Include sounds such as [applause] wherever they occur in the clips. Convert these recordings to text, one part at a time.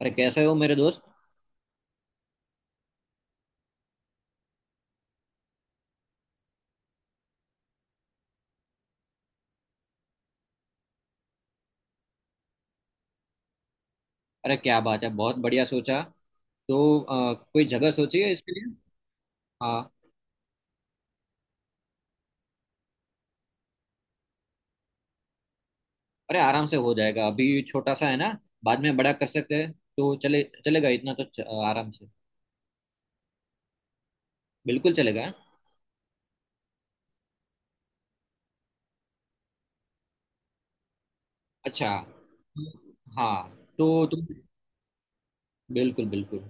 अरे कैसे हो मेरे दोस्त। अरे क्या बात है। बहुत बढ़िया सोचा। तो कोई जगह सोची है इसके लिए? हाँ। अरे आराम से हो जाएगा। अभी छोटा सा है ना। बाद में बड़ा कर सकते हैं, तो चले चलेगा इतना तो आराम से। बिल्कुल चलेगा। अच्छा। हाँ, तो तुम। बिल्कुल, बिल्कुल।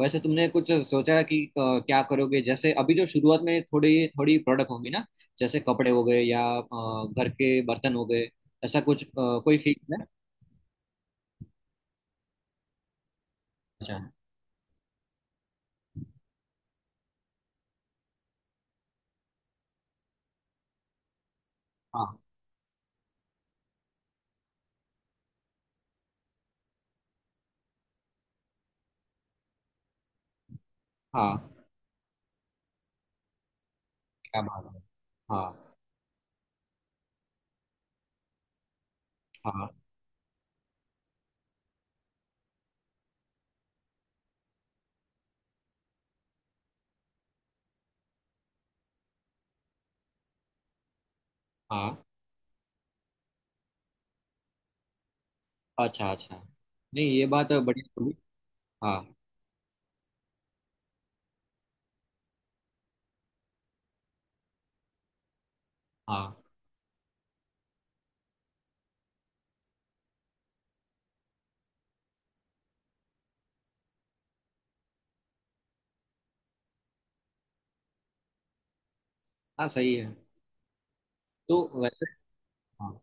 वैसे तुमने कुछ सोचा है कि क्या करोगे? जैसे अभी जो शुरुआत में थोड़ी थोड़ी प्रोडक्ट होंगी ना, जैसे कपड़े हो गए या घर के बर्तन हो गए। ऐसा कुछ कोई फिक्स है? अच्छा। हाँ, हाँ। क्या बात है। हाँ, हाँ, हाँ। अच्छा, अच्छा। नहीं, ये बात बड़ी बड़ी- हाँ, हाँ, हाँ। सही है। तो वैसे। हाँ।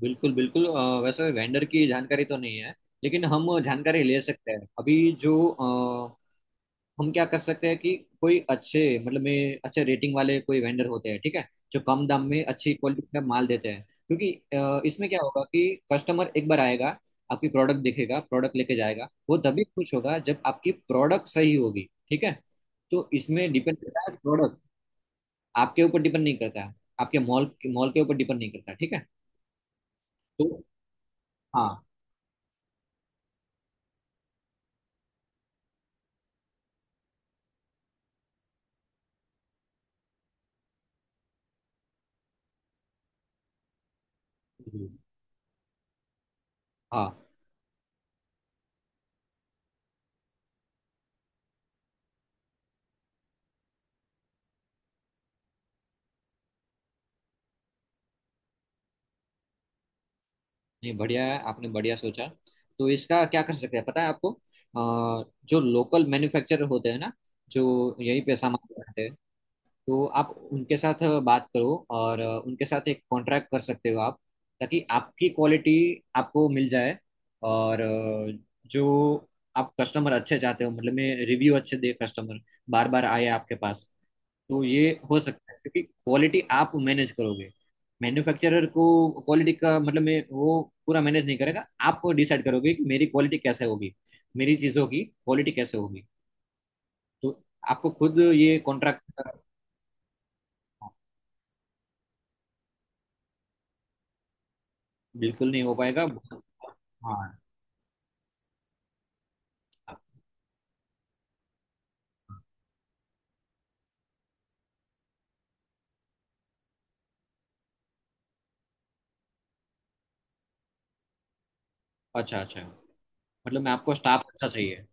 बिल्कुल, बिल्कुल। वैसे वेंडर की जानकारी तो नहीं है, लेकिन हम जानकारी ले सकते हैं। अभी जो हम क्या कर सकते हैं कि कोई अच्छे, मतलब में अच्छे रेटिंग वाले कोई वेंडर होते हैं, ठीक है, जो कम दाम में अच्छी क्वालिटी का माल देते हैं। क्योंकि इसमें क्या होगा कि कस्टमर एक बार आएगा, आपकी प्रोडक्ट देखेगा, प्रोडक्ट लेके जाएगा, वो तभी खुश होगा जब आपकी प्रोडक्ट सही होगी। ठीक है। तो इसमें डिपेंड करता है प्रोडक्ट, आपके ऊपर डिपेंड नहीं करता है। आपके मॉल मॉल के ऊपर डिपेंड नहीं करता, ठीक है। तो हाँ, हाँ। नहीं, बढ़िया है, आपने बढ़िया सोचा। तो इसका क्या कर सकते हैं? पता है आपको जो लोकल मैन्युफैक्चरर होते हैं ना, जो यहीं पे सामान बनाते हैं। तो आप उनके साथ बात करो, और उनके साथ एक कॉन्ट्रैक्ट कर सकते हो आप, ताकि आपकी क्वालिटी आपको मिल जाए। और जो आप कस्टमर अच्छे चाहते हो, मतलब मैं रिव्यू अच्छे दे, कस्टमर बार बार आए आपके पास। तो ये हो सकता है, क्योंकि क्वालिटी आप मैनेज करोगे। मैन्युफैक्चरर को क्वालिटी का मतलब मैं वो पूरा मैनेज नहीं करेगा। आप डिसाइड करोगे कि मेरी क्वालिटी कैसे होगी, मेरी चीज़ों की क्वालिटी कैसे होगी। तो आपको खुद ये कॉन्ट्रैक्ट। बिल्कुल नहीं हो पाएगा। हाँ। अच्छा, अच्छा। मतलब मैं आपको स्टाफ अच्छा चाहिए।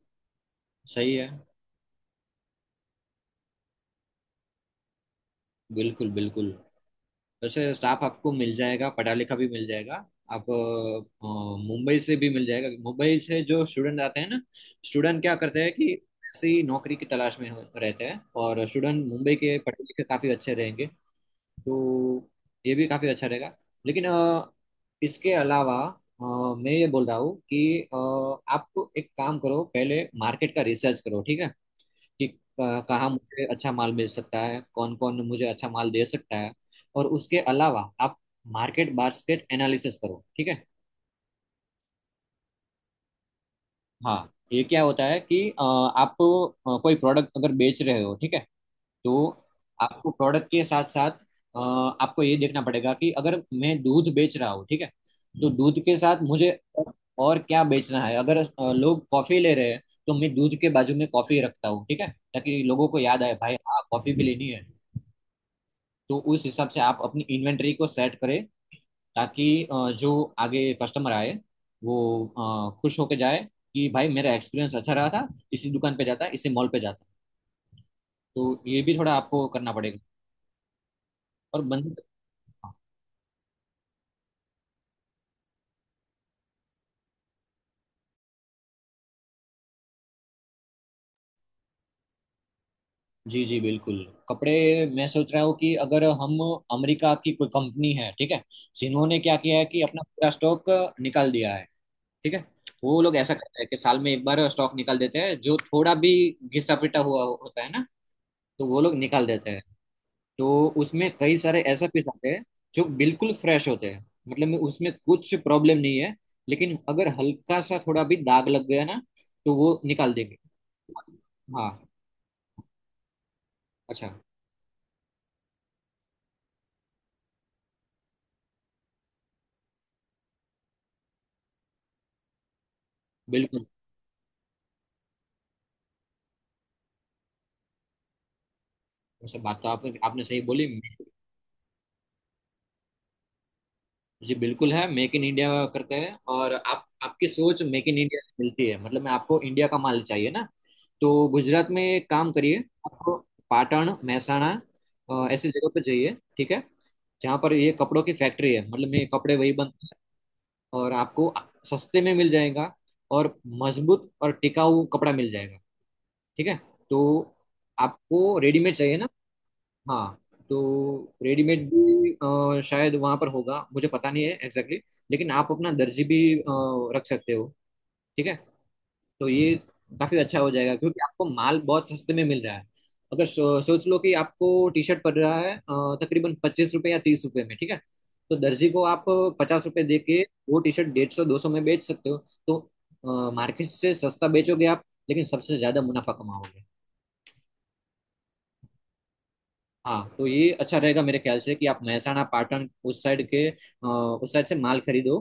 सही है। बिल्कुल, बिल्कुल। वैसे स्टाफ आपको मिल जाएगा, पढ़ा लिखा भी मिल जाएगा। आप अ, मुंबई से भी मिल जाएगा। मुंबई से जो स्टूडेंट आते हैं ना, स्टूडेंट क्या करते हैं कि ऐसी नौकरी की तलाश में रहते हैं, और स्टूडेंट मुंबई के पढ़े लिखे काफ़ी अच्छे रहेंगे। तो ये भी काफ़ी अच्छा रहेगा। लेकिन इसके अलावा अ, मैं ये बोल रहा हूँ कि आप एक काम करो, पहले मार्केट का रिसर्च करो, ठीक है। कि कहाँ मुझे अच्छा माल मिल सकता है, कौन कौन मुझे अच्छा माल दे सकता है। और उसके अलावा आप मार्केट बास्केट एनालिसिस करो, ठीक है। हाँ, ये क्या होता है कि आप कोई प्रोडक्ट अगर बेच रहे हो, ठीक है, तो आपको प्रोडक्ट के साथ साथ अ, आपको ये देखना पड़ेगा कि अगर मैं दूध बेच रहा हूँ, ठीक है, तो दूध के साथ मुझे और क्या बेचना है। अगर लोग कॉफी ले रहे हैं, तो मैं दूध के बाजू में कॉफी रखता हूँ, ठीक है, ताकि लोगों को याद आए, भाई हाँ, कॉफी भी लेनी है। तो उस हिसाब से आप अपनी इन्वेंट्री को सेट करें, ताकि जो आगे कस्टमर आए वो खुश होके जाए, कि भाई मेरा एक्सपीरियंस अच्छा रहा था, इसी दुकान पे जाता, इसी मॉल पे जाता। तो ये भी थोड़ा आपको करना पड़ेगा। और बंद। जी, जी, बिल्कुल। कपड़े, मैं सोच रहा हूँ कि अगर हम अमेरिका की कोई कंपनी है, ठीक है, जिन्होंने क्या किया है कि अपना पूरा स्टॉक निकाल दिया है, ठीक है। वो लोग ऐसा करते हैं कि साल में एक बार स्टॉक निकाल देते हैं, जो थोड़ा भी घिसा पिटा हुआ होता है ना, तो वो लोग निकाल देते हैं। तो उसमें कई सारे ऐसे पीस आते हैं जो बिल्कुल फ्रेश होते हैं, मतलब में उसमें कुछ प्रॉब्लम नहीं है, लेकिन अगर हल्का सा थोड़ा भी दाग लग गया ना, तो वो निकाल देंगे। हाँ। अच्छा। बिल्कुल। वैसे बात तो आपने सही बोली। जी बिल्कुल है, मेक इन इंडिया करते हैं, और आप आपकी सोच मेक इन इंडिया से मिलती है। मतलब मैं आपको इंडिया का माल चाहिए ना। तो गुजरात में एक काम करिए। आपको पाटण, महसाणा, ऐसी जगह पर जाइए, ठीक है। जहाँ पर ये कपड़ों की फैक्ट्री है, मतलब ये कपड़े वही बनते। और आपको सस्ते में मिल जाएगा, और मजबूत और टिकाऊ कपड़ा मिल जाएगा। ठीक है। तो आपको रेडीमेड चाहिए ना? हाँ। तो रेडीमेड भी शायद वहां पर होगा, मुझे पता नहीं है एग्जैक्टली exactly, लेकिन आप अपना दर्जी भी रख सकते हो। ठीक है। तो ये काफी अच्छा हो जाएगा, क्योंकि आपको माल बहुत सस्ते में मिल रहा है। अगर सोच लो कि आपको टी शर्ट पड़ रहा है तकरीबन 25 रुपए या 30 रुपए में, ठीक है। तो दर्जी को आप 50 रुपए दे के वो टी शर्ट 150 200 में बेच सकते हो। तो मार्केट से सस्ता बेचोगे आप, लेकिन सबसे ज्यादा मुनाफा कमाओगे। हाँ, तो ये अच्छा रहेगा मेरे ख्याल से, कि आप महसाणा, पाटन उस साइड से माल खरीदो,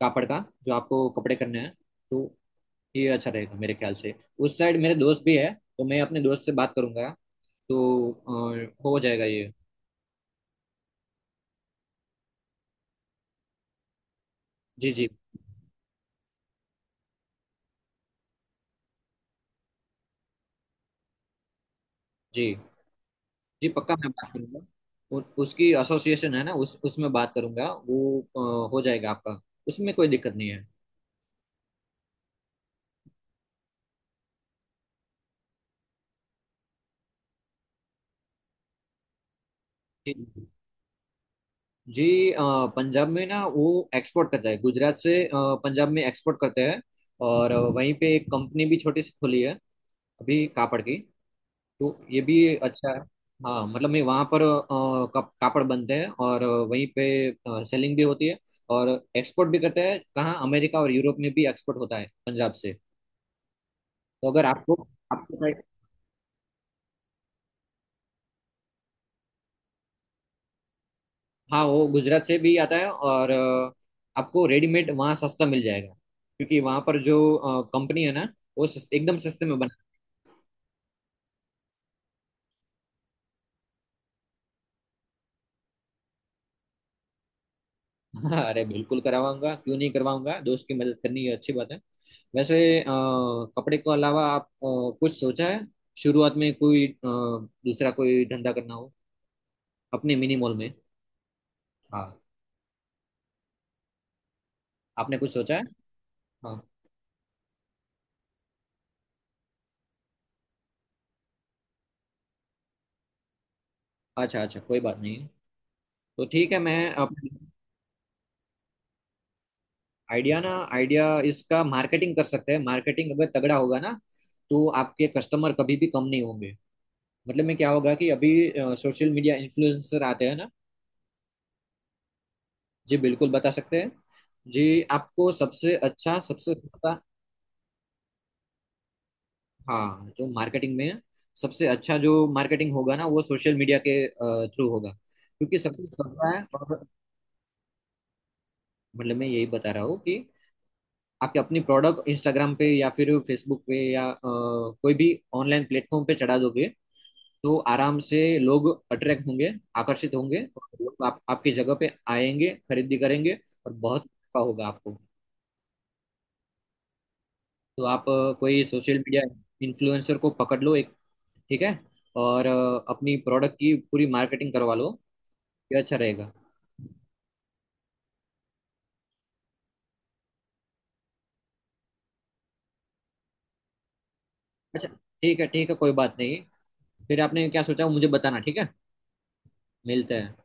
कापड़ का, जो आपको कपड़े करने हैं। तो ये अच्छा रहेगा मेरे ख्याल से। उस साइड मेरे दोस्त भी है, तो मैं अपने दोस्त से बात करूंगा, तो हो जाएगा ये। जी, जी। जी, जी पक्का, मैं बात करूंगा। उसकी एसोसिएशन है ना, उस उसमें बात करूंगा, वो हो जाएगा आपका। उसमें कोई दिक्कत नहीं है। जी, जी, पंजाब में ना वो एक्सपोर्ट करता है गुजरात से, पंजाब में एक्सपोर्ट करते हैं। और वहीं पे एक कंपनी भी छोटी सी खुली है, अभी कापड़ की। तो ये भी अच्छा है। हाँ, मतलब मैं वहाँ पर कापड़ बनते हैं, और वहीं पे सेलिंग भी होती है, और एक्सपोर्ट भी करते हैं, कहाँ? अमेरिका और यूरोप में भी एक्सपोर्ट होता है पंजाब से। तो अगर आपको आपको साइड। हाँ, वो गुजरात से भी आता है, और आपको रेडीमेड वहाँ सस्ता मिल जाएगा, क्योंकि वहाँ पर जो कंपनी है ना, वो एकदम सस्ते में। [laughs] हाँ, अरे बिल्कुल करवाऊंगा, क्यों नहीं करवाऊंगा, दोस्त की मदद करनी ये अच्छी बात है। वैसे कपड़े के अलावा आप कुछ सोचा है? शुरुआत में कोई दूसरा कोई धंधा करना हो अपने मिनी मॉल में। हाँ। आपने कुछ सोचा है? हाँ। अच्छा, अच्छा, कोई बात नहीं। तो ठीक है, मैं आप। आइडिया ना आइडिया, इसका मार्केटिंग कर सकते हैं। मार्केटिंग अगर तगड़ा होगा ना, तो आपके कस्टमर कभी भी कम नहीं होंगे। मतलब में क्या होगा कि अभी सोशल मीडिया इन्फ्लुएंसर आते हैं ना। जी बिल्कुल बता सकते हैं। जी, आपको सबसे अच्छा, सबसे सस्ता। हाँ, जो मार्केटिंग में है, सबसे अच्छा जो मार्केटिंग होगा ना, वो सोशल मीडिया के थ्रू होगा, क्योंकि सबसे सस्ता है। और मतलब मैं यही बता रहा हूँ कि आपके अपनी प्रोडक्ट इंस्टाग्राम पे या फिर फेसबुक पे या कोई भी ऑनलाइन प्लेटफॉर्म पे चढ़ा दोगे, तो आराम से लोग अट्रैक्ट होंगे, आकर्षित होंगे, और लोग आपकी जगह पे आएंगे, खरीदी करेंगे, और बहुत नफा होगा आपको। तो आप कोई सोशल मीडिया इन्फ्लुएंसर को पकड़ लो एक, ठीक है, और अपनी प्रोडक्ट की पूरी मार्केटिंग करवा लो। ये अच्छा रहेगा। अच्छा, ठीक है, ठीक है, कोई बात नहीं। फिर आपने क्या सोचा वो मुझे बताना, ठीक है। मिलते हैं।